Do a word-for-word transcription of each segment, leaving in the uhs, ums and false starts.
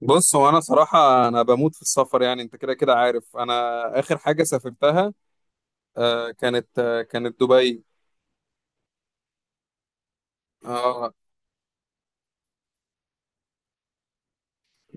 بص، هو انا صراحه انا بموت في السفر. يعني انت كده كده عارف انا. اخر حاجه سافرتها آه، كانت آه، كانت دبي. آه،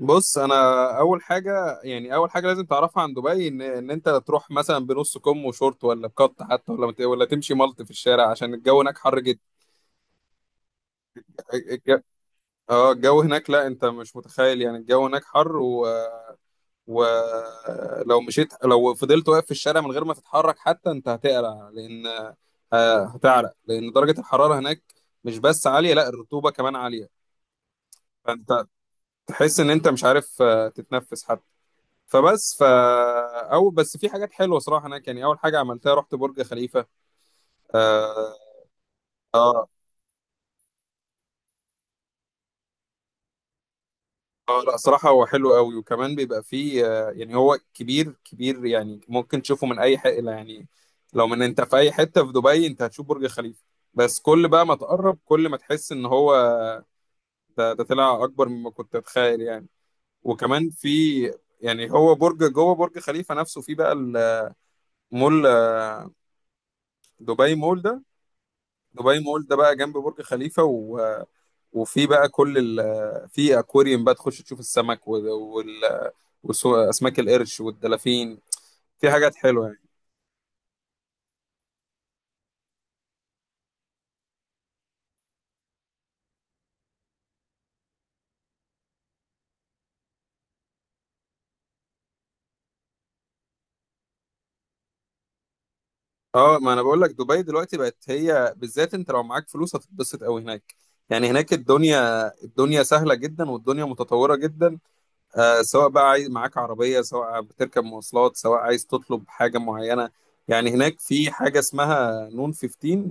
بص انا، اول حاجه، يعني اول حاجه لازم تعرفها عن دبي، ان ان انت تروح مثلا بنص كم وشورت، ولا بقط حتى، ولا مت- ولا تمشي ملط في الشارع، عشان الجو هناك حر جدا. الج- اه الجو هناك، لا انت مش متخيل. يعني الجو هناك حر، ولو مشيت، لو فضلت واقف في الشارع من غير ما تتحرك حتى، انت هتقلع، لان آه، هتعرق، لان درجة الحرارة هناك مش بس عالية، لا الرطوبة كمان عالية. فانت تحس ان انت مش عارف آه، تتنفس حتى. فبس ف او بس في حاجات حلوه صراحه هناك. يعني اول حاجه عملتها رحت برج خليفه. اه اه، لا صراحة هو حلو قوي، وكمان بيبقى فيه آه، يعني هو كبير كبير. يعني ممكن تشوفه من أي، حقيقة يعني، لو من أنت في أي حتة في دبي أنت هتشوف برج خليفة. بس كل بقى ما تقرب، كل ما تحس إن هو ده, ده طلع أكبر مما كنت أتخيل يعني. وكمان في، يعني هو برج، جوه برج خليفة نفسه في بقى المول، دبي مول ده. دبي مول ده بقى جنب برج خليفة و... وفي بقى كل ال... في أكواريوم بقى تخش تشوف السمك، وال... وال... وسو- أسماك القرش والدلافين. في حاجات حلوه يعني. اه، ما انا بقول لك، دبي دلوقتي بقت هي بالذات، انت لو معاك فلوس هتتبسط قوي هناك. يعني هناك الدنيا، الدنيا سهله جدا، والدنيا متطوره جدا. آه، سواء بقى عايز معاك عربيه، سواء بتركب مواصلات، سواء عايز تطلب حاجه معينه. يعني هناك في حاجه اسمها نون خمستاشر.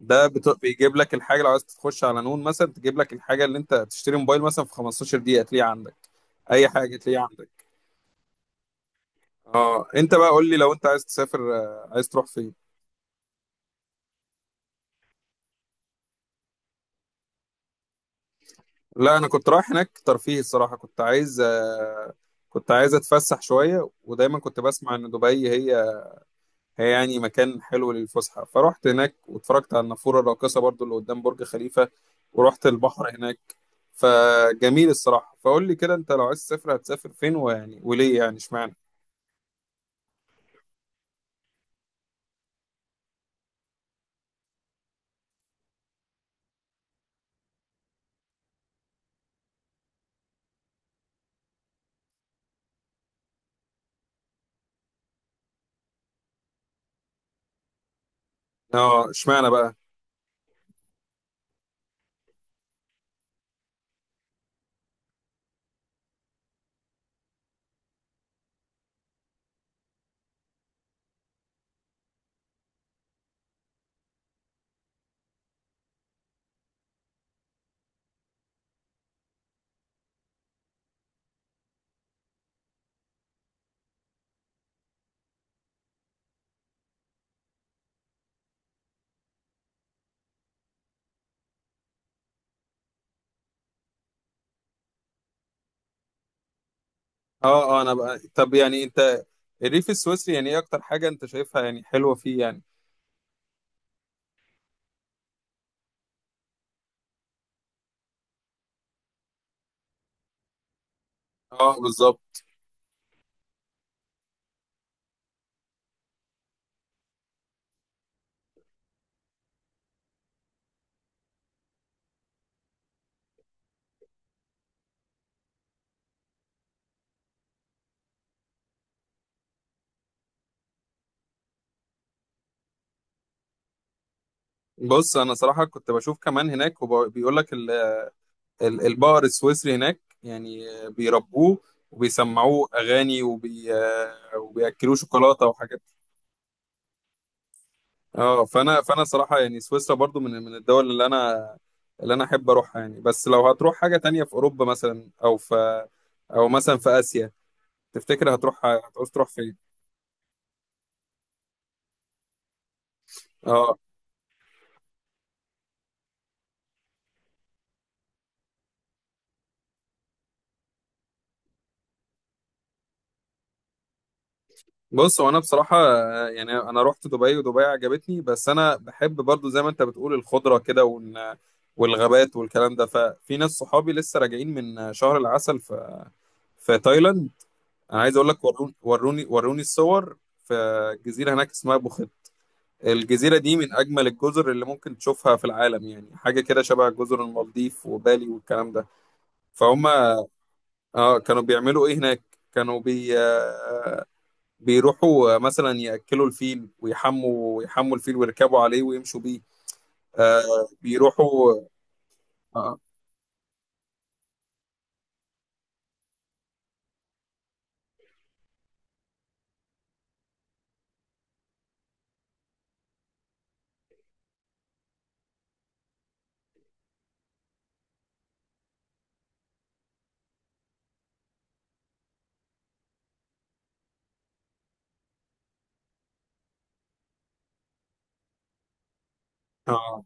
ده بت- بيجيب لك الحاجه. لو عايز تخش على نون مثلا، تجيب لك الحاجه اللي انت تشتري، موبايل مثلا، في خمستاشر دقيقه تلاقيها عندك. اي حاجه تلاقيها عندك. اه، انت بقى قول لي، لو انت عايز تسافر آه، عايز تروح فين؟ لا انا كنت رايح هناك ترفيه الصراحه. كنت عايز آه، كنت عايز اتفسح شويه. ودايما كنت بسمع ان دبي هي، هي يعني مكان حلو للفسحه. فروحت هناك واتفرجت على النافوره الراقصه برضو اللي قدام برج خليفه، ورحت البحر هناك. فجميل الصراحه. فقول لي كده، انت لو عايز تسافر هتسافر فين؟ ويعني وليه؟ يعني اشمعنى؟ اه، اشمعنى بقى؟ اه اه، انا بقى، طب يعني انت الريف السويسري، يعني ايه اكتر حاجه انت شايفها يعني حلوه فيه يعني؟ اه بالظبط. بص انا صراحه كنت بشوف كمان هناك، وبيقول لك ال- البقر السويسري هناك يعني آه، بيربوه وبيسمعوه اغاني، وبي آه، وبياكلوه شوكولاته وحاجات. اه، فانا فانا صراحه يعني سويسرا برضو من من الدول اللي انا، اللي انا احب اروحها يعني. بس لو هتروح حاجه تانية، في اوروبا مثلا، او في، او مثلا في اسيا، تفتكر هتروح، هتعوز تروح فين؟ اه. بص، هو انا بصراحه آه، يعني انا رحت دبي ودبي عجبتني. بس انا بحب برضو، زي ما انت بتقول، الخضره كده وال- والغابات والكلام ده. ففي ناس صحابي لسه راجعين من آه، شهر العسل في، في تايلاند. انا عايز اقول لك، وروني وروني وروني الصور. في جزيره هناك اسمها بوخيت. الجزيره دي من اجمل الجزر اللي ممكن تشوفها في العالم يعني. حاجه كده شبه جزر المالديف وبالي والكلام ده. فهم. اه، كانوا بيعملوا ايه هناك؟ كانوا بي بيروحوا آه، مثلا يأكلوا الفيل، ويحموا يحموا الفيل ويركبوا عليه ويمشوا بيه. آه بيروحوا آه. آه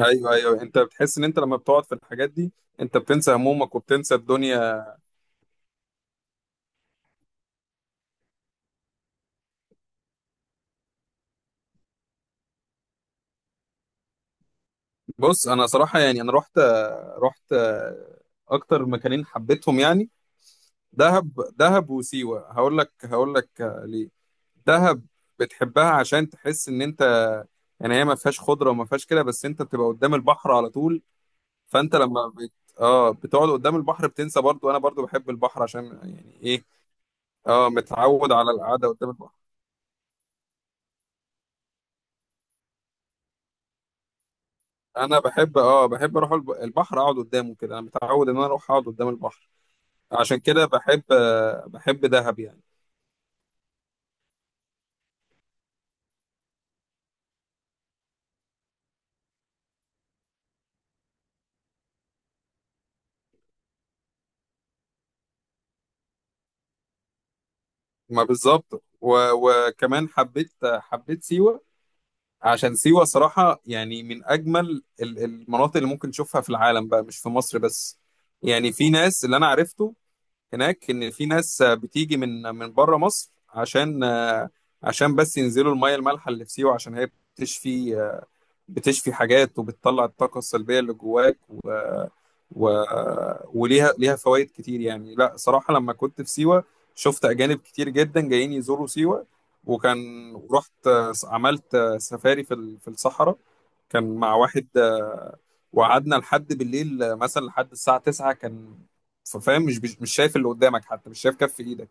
ايوه ايوه، انت بتحس ان انت لما بتقعد في الحاجات دي، انت بتنسى همومك وبتنسى الدنيا. بص انا صراحة، يعني انا رحت آه، رحت آه، اكتر مكانين حبيتهم يعني، دهب. دهب وسيوة. هقول لك، هقول لك آه، ليه. دهب بتحبها عشان تحس ان انت، يعني هي ما فيهاش خضره وما فيهاش كده، بس انت بتبقى قدام البحر على طول. فانت لما بت... اه، بتقعد قدام البحر بتنسى. برضو انا برضو بحب البحر عشان يعني ايه. اه، متعود على القعده قدام البحر. انا بحب، اه، بحب اروح الب- البحر، اقعد قدامه كده. انا متعود ان انا اروح اقعد قدام البحر. عشان كده بحب آه، بحب دهب يعني. ما بالظبط. و... وكمان حبيت، حبيت سيوه. عشان سيوه صراحه يعني، من اجمل ال- المناطق اللي ممكن تشوفها في العالم بقى، مش في مصر بس. يعني في ناس اللي انا عرفته هناك، ان في ناس بتيجي من من بره مصر، عشان عشان بس ينزلوا الميه المالحه اللي في سيوه، عشان هي بتشفي. بتشفي حاجات، وبتطلع الطاقه السلبيه اللي جواك، و و وليها، ليها فوائد كتير يعني. لا صراحه، لما كنت في سيوه شفت اجانب كتير جدا جايين يزوروا سيوه. وكان، رحت عملت سفاري في ال- في الصحراء. كان مع واحد، آه، وقعدنا لحد بالليل، آه، مثلا لحد الساعة تسعة كان. ف- فاهم، مش مش مش شايف اللي قدامك، حتى مش شايف كف ايدك.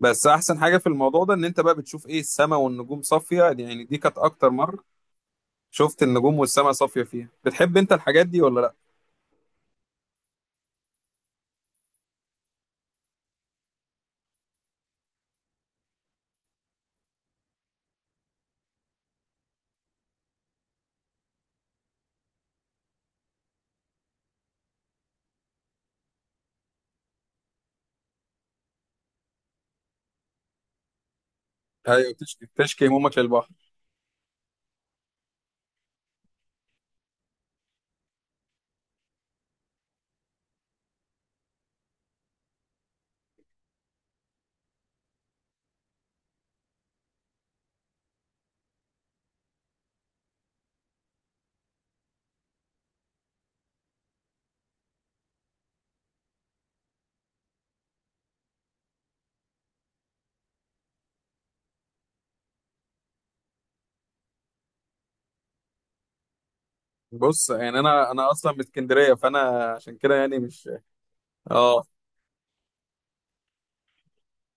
بس احسن حاجة في الموضوع ده، ان انت بقى بتشوف ايه السماء والنجوم صافية. يعني دي كانت اكتر مرة شفت النجوم والسماء صافية فيها. بتحب انت الحاجات دي ولا لا؟ ايوه، تشكي تشكي همومك للبحر. بص، يعني انا انا اصلا من اسكندرية، فانا عشان كده يعني مش. اه.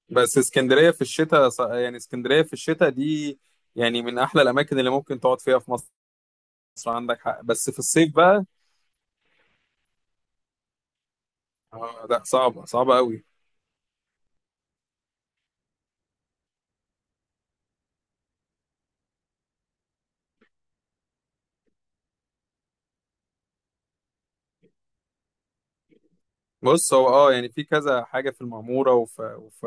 بس اسكندرية في الشتاء، يعني اسكندرية في الشتاء دي، يعني من احلى الاماكن اللي ممكن تقعد فيها في مصر. مصر عندك حق، بس في الصيف بقى، اه لا صعبة صعبة قوي. بص، هو اه يعني في كذا حاجة في المعمورة وف... وف...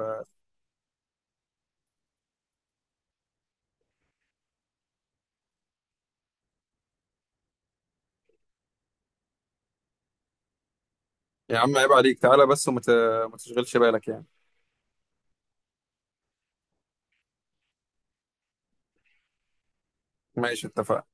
يا عم، عيب عليك، تعالى بس، وما ت... ما تشغلش بالك يعني. ماشي، اتفقنا.